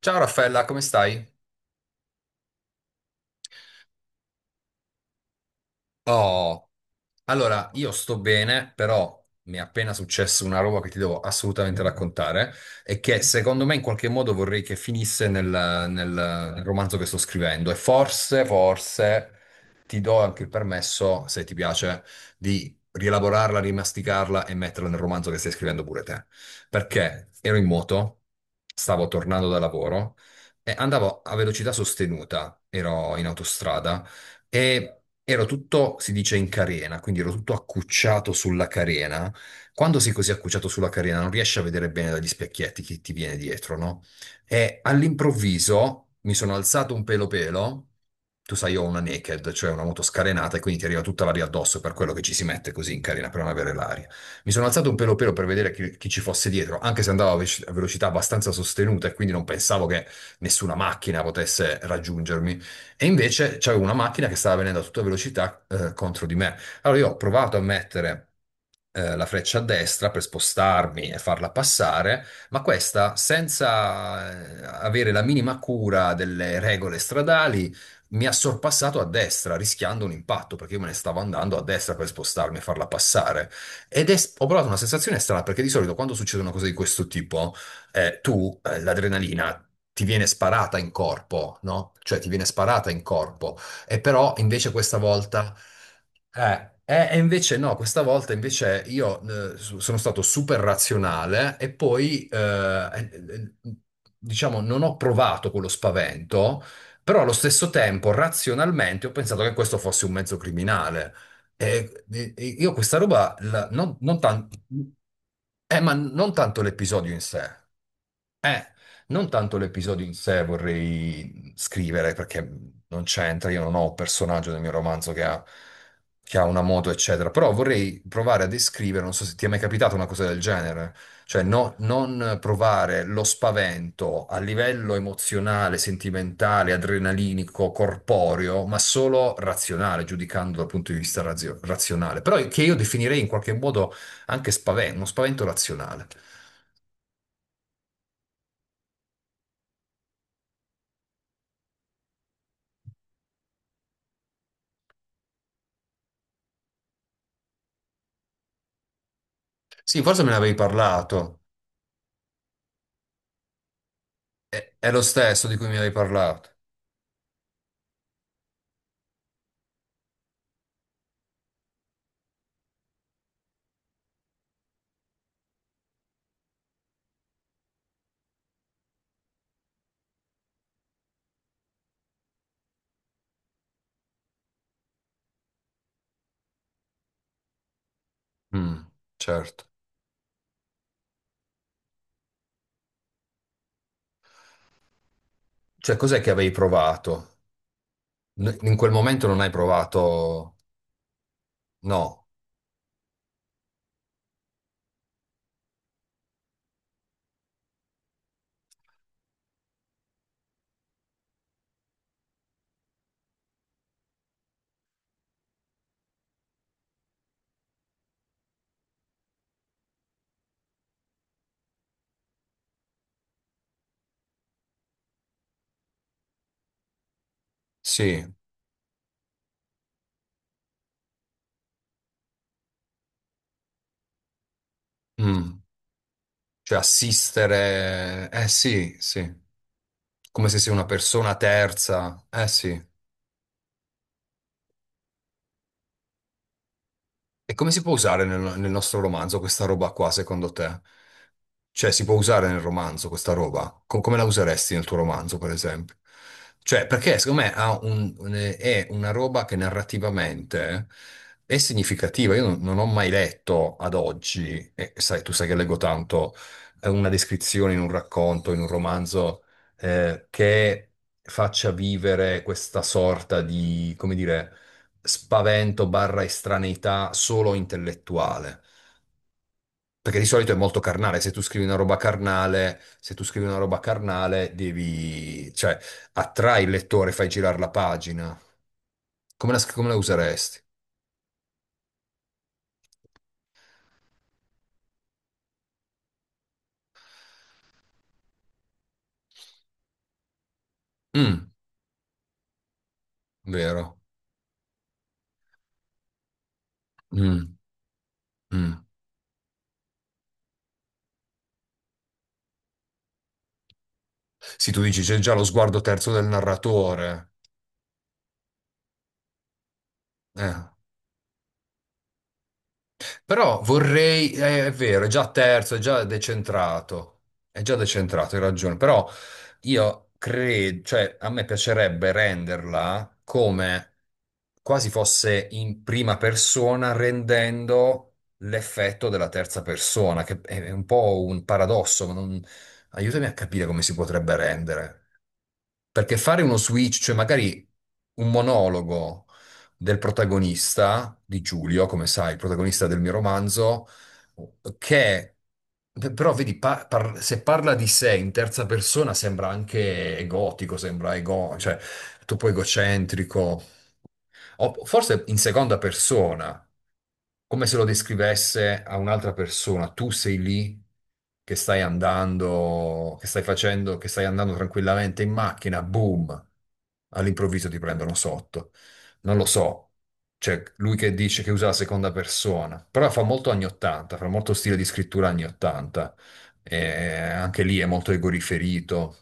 Ciao Raffaella, come stai? Oh, allora io sto bene, però mi è appena successo una roba che ti devo assolutamente raccontare e che secondo me in qualche modo vorrei che finisse nel romanzo che sto scrivendo e forse ti do anche il permesso, se ti piace, di rielaborarla, rimasticarla e metterla nel romanzo che stai scrivendo pure te. Perché ero in moto, stavo tornando da lavoro e andavo a velocità sostenuta, ero in autostrada. E ero tutto, si dice, in carena, quindi ero tutto accucciato sulla carena. Quando sei così accucciato sulla carena non riesci a vedere bene dagli specchietti che ti viene dietro, no? E all'improvviso mi sono alzato un pelo pelo. Tu sai, io ho una naked, cioè una moto scarenata, e quindi ti arriva tutta l'aria addosso, per quello che ci si mette così in carena per non avere l'aria. Mi sono alzato un pelo pelo per vedere chi ci fosse dietro, anche se andavo a velocità abbastanza sostenuta e quindi non pensavo che nessuna macchina potesse raggiungermi. E invece c'avevo una macchina che stava venendo a tutta velocità contro di me. Allora io ho provato a mettere la freccia a destra per spostarmi e farla passare, ma questa, senza avere la minima cura delle regole stradali, mi ha sorpassato a destra, rischiando un impatto, perché io me ne stavo andando a destra per spostarmi e farla passare. Ho provato una sensazione strana, perché di solito quando succede una cosa di questo tipo, tu l'adrenalina ti viene sparata in corpo, no? Cioè ti viene sparata in corpo. E però invece questa volta. E invece no, questa volta invece io sono stato super razionale e poi, eh, eh, diciamo, non ho provato quello spavento, però allo stesso tempo razionalmente ho pensato che questo fosse un mezzo criminale. E io questa roba, la- non, non tan- ma non tanto l'episodio in sé. Eh, Non tanto l'episodio in sé vorrei scrivere perché non c'entra, io non ho un personaggio nel mio romanzo che ha una moto, eccetera, però vorrei provare a descrivere, non so se ti è mai capitata una cosa del genere, cioè non provare lo spavento a livello emozionale, sentimentale, adrenalinico, corporeo, ma solo razionale, giudicando dal punto di vista razionale, però che io definirei in qualche modo anche spavento, uno spavento razionale. Sì, forse me ne avevi parlato. È lo stesso di cui mi avevi parlato. Mm, certo. Cioè, cos'è che avevi provato? In quel momento non hai provato. No, sì. Mm. Cioè, assistere. Eh sì, sì. Come se sei una persona terza. Eh sì. E come si può usare nel nostro romanzo questa roba qua, secondo te? Cioè, si può usare nel romanzo questa roba? Come la useresti nel tuo romanzo, per esempio? Cioè, perché secondo me ha è una roba che narrativamente è significativa. Io non ho mai letto ad oggi, e sai, tu sai che leggo tanto, una descrizione in un racconto, in un romanzo, che faccia vivere questa sorta di, come dire spavento barra estraneità solo intellettuale. Perché di solito è molto carnale, se tu scrivi una roba carnale, se tu scrivi una roba carnale, devi, cioè, attrai il lettore, fai girare la pagina. Come la useresti? Mm, vero. Mm, mm. Sì, tu dici c'è già lo sguardo terzo del narratore. Eh. Però vorrei, è vero, è già terzo, è già decentrato, hai ragione, però io credo, cioè a me piacerebbe renderla come quasi fosse in prima persona, rendendo l'effetto della terza persona, che è un po' un paradosso, ma non. Aiutami a capire come si potrebbe rendere. Perché fare uno switch, cioè magari un monologo del protagonista di Giulio, come sai, il protagonista del mio romanzo, che però vedi, se parla di sé in terza persona sembra anche egotico, sembra ego, cioè troppo egocentrico. O forse in seconda persona, come se lo descrivesse a un'altra persona. Tu sei lì che stai andando, che stai facendo, che stai andando tranquillamente in macchina, boom, all'improvviso ti prendono sotto. Non lo so. Cioè, lui che dice che usa la seconda persona, però fa molto anni 80, fa molto stile di scrittura anni 80. E anche lì è molto egoriferito.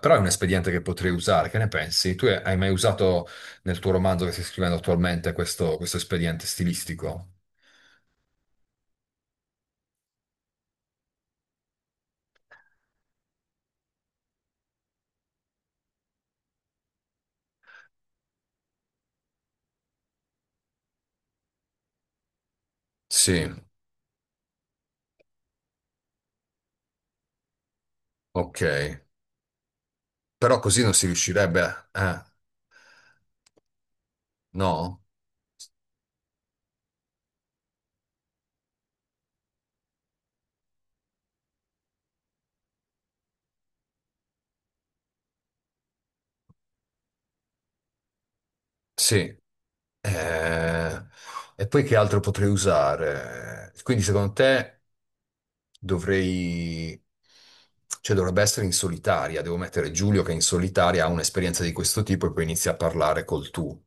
Però è un espediente che potrei usare, che ne pensi? Tu hai mai usato nel tuo romanzo che stai scrivendo attualmente questo espediente stilistico. Sì, ok. Però così non si riuscirebbe, a. Eh? No? Sì. Eh, E poi che altro potrei usare? Quindi secondo te dovrei. Cioè dovrebbe essere in solitaria, devo mettere Giulio che in solitaria ha un'esperienza di questo tipo e poi inizia a parlare col tu.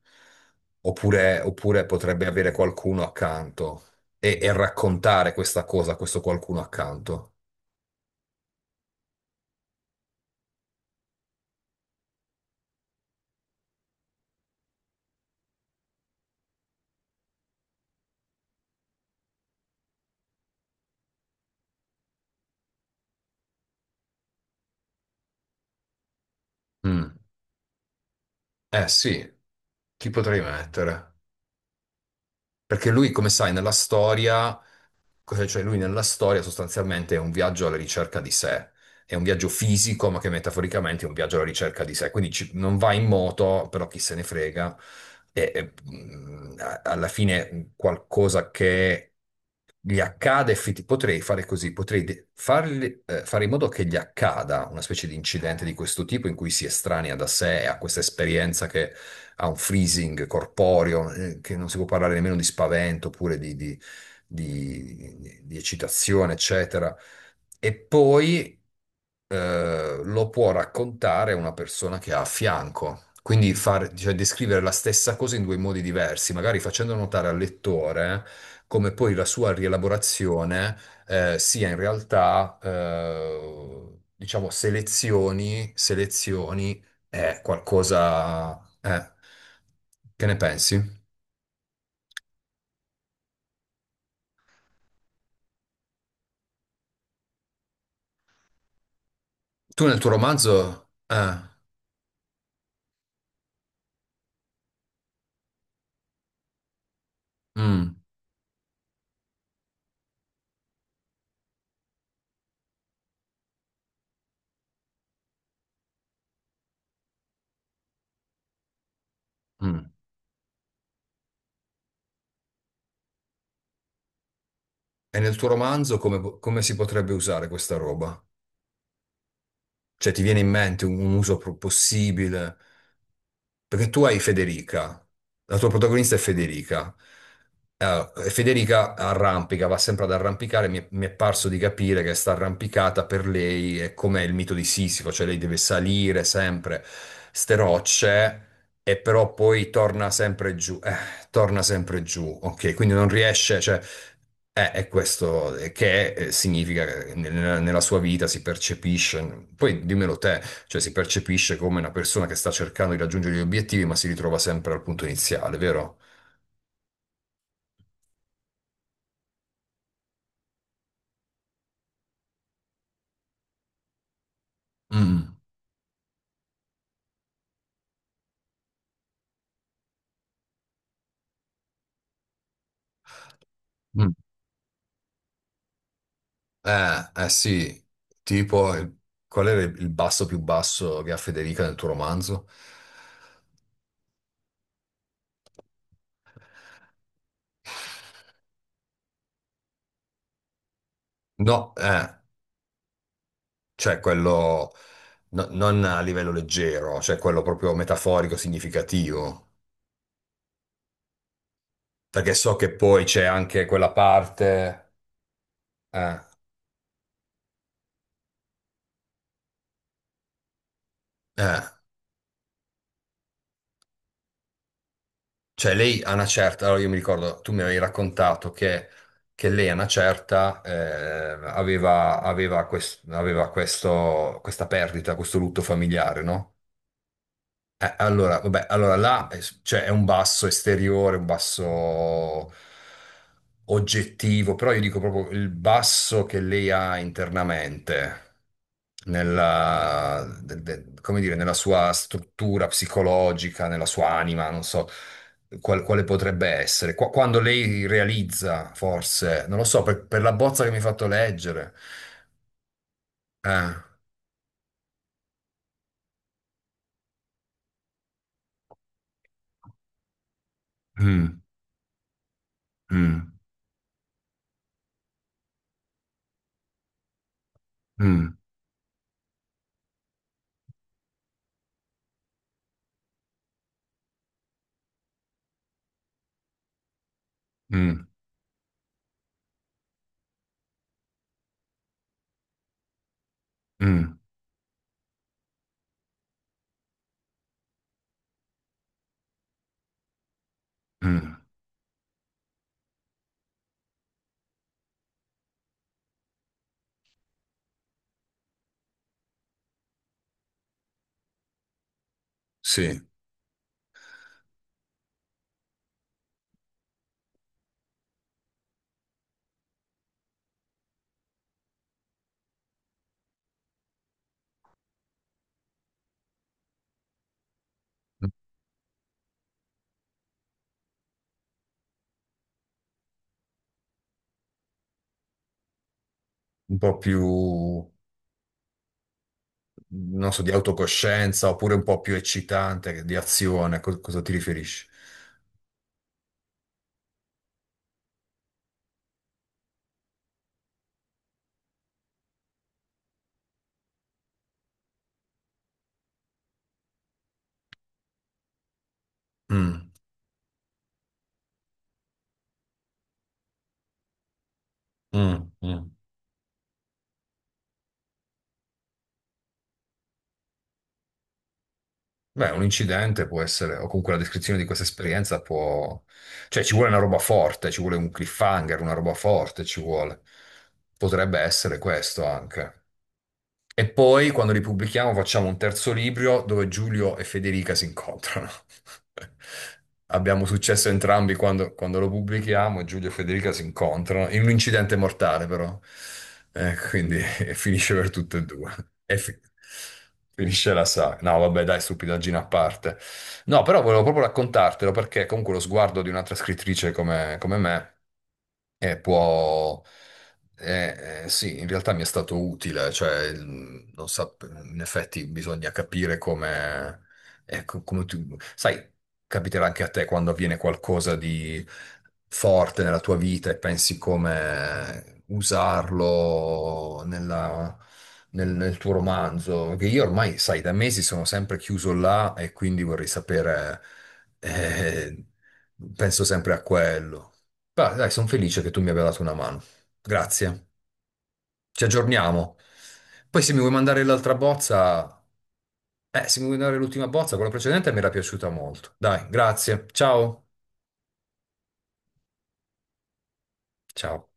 Oppure, oppure potrebbe avere qualcuno accanto e raccontare questa cosa a questo qualcuno accanto. Mm. Eh sì, chi potrei mettere? Perché lui, come sai, nella storia, cioè lui nella storia sostanzialmente è un viaggio alla ricerca di sé, è un viaggio fisico, ma che metaforicamente è un viaggio alla ricerca di sé, quindi non va in moto, però chi se ne frega, alla fine qualcosa che gli accade, potrei fare così, fare in modo che gli accada una specie di incidente di questo tipo in cui si estranea da sé, ha questa esperienza che ha un freezing corporeo, che non si può parlare nemmeno di spavento oppure di eccitazione, eccetera. E poi lo può raccontare una persona che ha a fianco. Quindi cioè, descrivere la stessa cosa in due modi diversi, magari facendo notare al lettore come poi la sua rielaborazione sia in realtà, diciamo, selezioni è qualcosa. Eh. Che ne pensi? Tu nel tuo romanzo. Mm, mm. E nel tuo romanzo come come si potrebbe usare questa roba? Cioè, ti viene in mente un possibile? Perché tu hai Federica, la tua protagonista è Federica. E Federica arrampica, va sempre ad arrampicare. Mi è parso di capire che sta arrampicata per lei è come il mito di Sisifo, cioè lei deve salire sempre ste rocce e però poi torna sempre giù, ok? Quindi non riesce, cioè, è questo che significa che nella sua vita si percepisce, poi dimmelo te, cioè si percepisce come una persona che sta cercando di raggiungere gli obiettivi ma si ritrova sempre al punto iniziale, vero? Mm, mm. Eh sì, tipo, qual era il basso più basso che ha Federica nel tuo romanzo? No, cioè quello non a livello leggero, cioè quello proprio metaforico, significativo. Perché so che poi c'è anche quella parte, eh, eh, cioè lei a una certa, allora io mi ricordo, tu mi avevi raccontato che lei a una certa aveva, aveva, quest- aveva questo, questa perdita, questo lutto familiare, no? Allora, vabbè, allora là cioè, è un basso esteriore, un basso oggettivo, però io dico proprio il basso che lei ha internamente, come dire, nella sua struttura psicologica, nella sua anima, non so quale potrebbe essere. Quando lei realizza, forse, non lo so, per la bozza che mi hai fatto leggere. Eh. Mm, mm, mm, mm, mm, mm. Mm. Sì, un po' più, non so, di autocoscienza oppure un po' più eccitante, di azione, cosa ti riferisci? Mm, mm, mm. Beh, un incidente può essere, o comunque la descrizione di questa esperienza può. Cioè, ci vuole una roba forte, ci vuole un cliffhanger, una roba forte, ci vuole. Potrebbe essere questo anche. E poi quando li pubblichiamo facciamo un terzo libro dove Giulio e Federica si incontrano. Abbiamo successo entrambi quando lo pubblichiamo, Giulio e Federica si incontrano in un incidente mortale però. Quindi finisce per tutte e due. E fi- Finisce la saga. No, vabbè, dai, stupidaggine a parte. No, però volevo proprio raccontartelo perché comunque lo sguardo di un'altra scrittrice come me può. Eh, sì, in realtà mi è stato utile, cioè, il- non sap- in effetti bisogna capire come, ecco, come tu, sai, capiterà anche a te quando avviene qualcosa di forte nella tua vita e pensi come usarlo nel tuo romanzo, che io ormai, sai, da mesi sono sempre chiuso là e quindi vorrei sapere, eh, penso sempre a quello. Beh, dai, sono felice che tu mi abbia dato una mano. Grazie, ci aggiorniamo. Poi se mi vuoi mandare l'altra bozza, se mi vuoi mandare l'ultima bozza, quella precedente mi era piaciuta molto. Dai, grazie. Ciao. Ciao.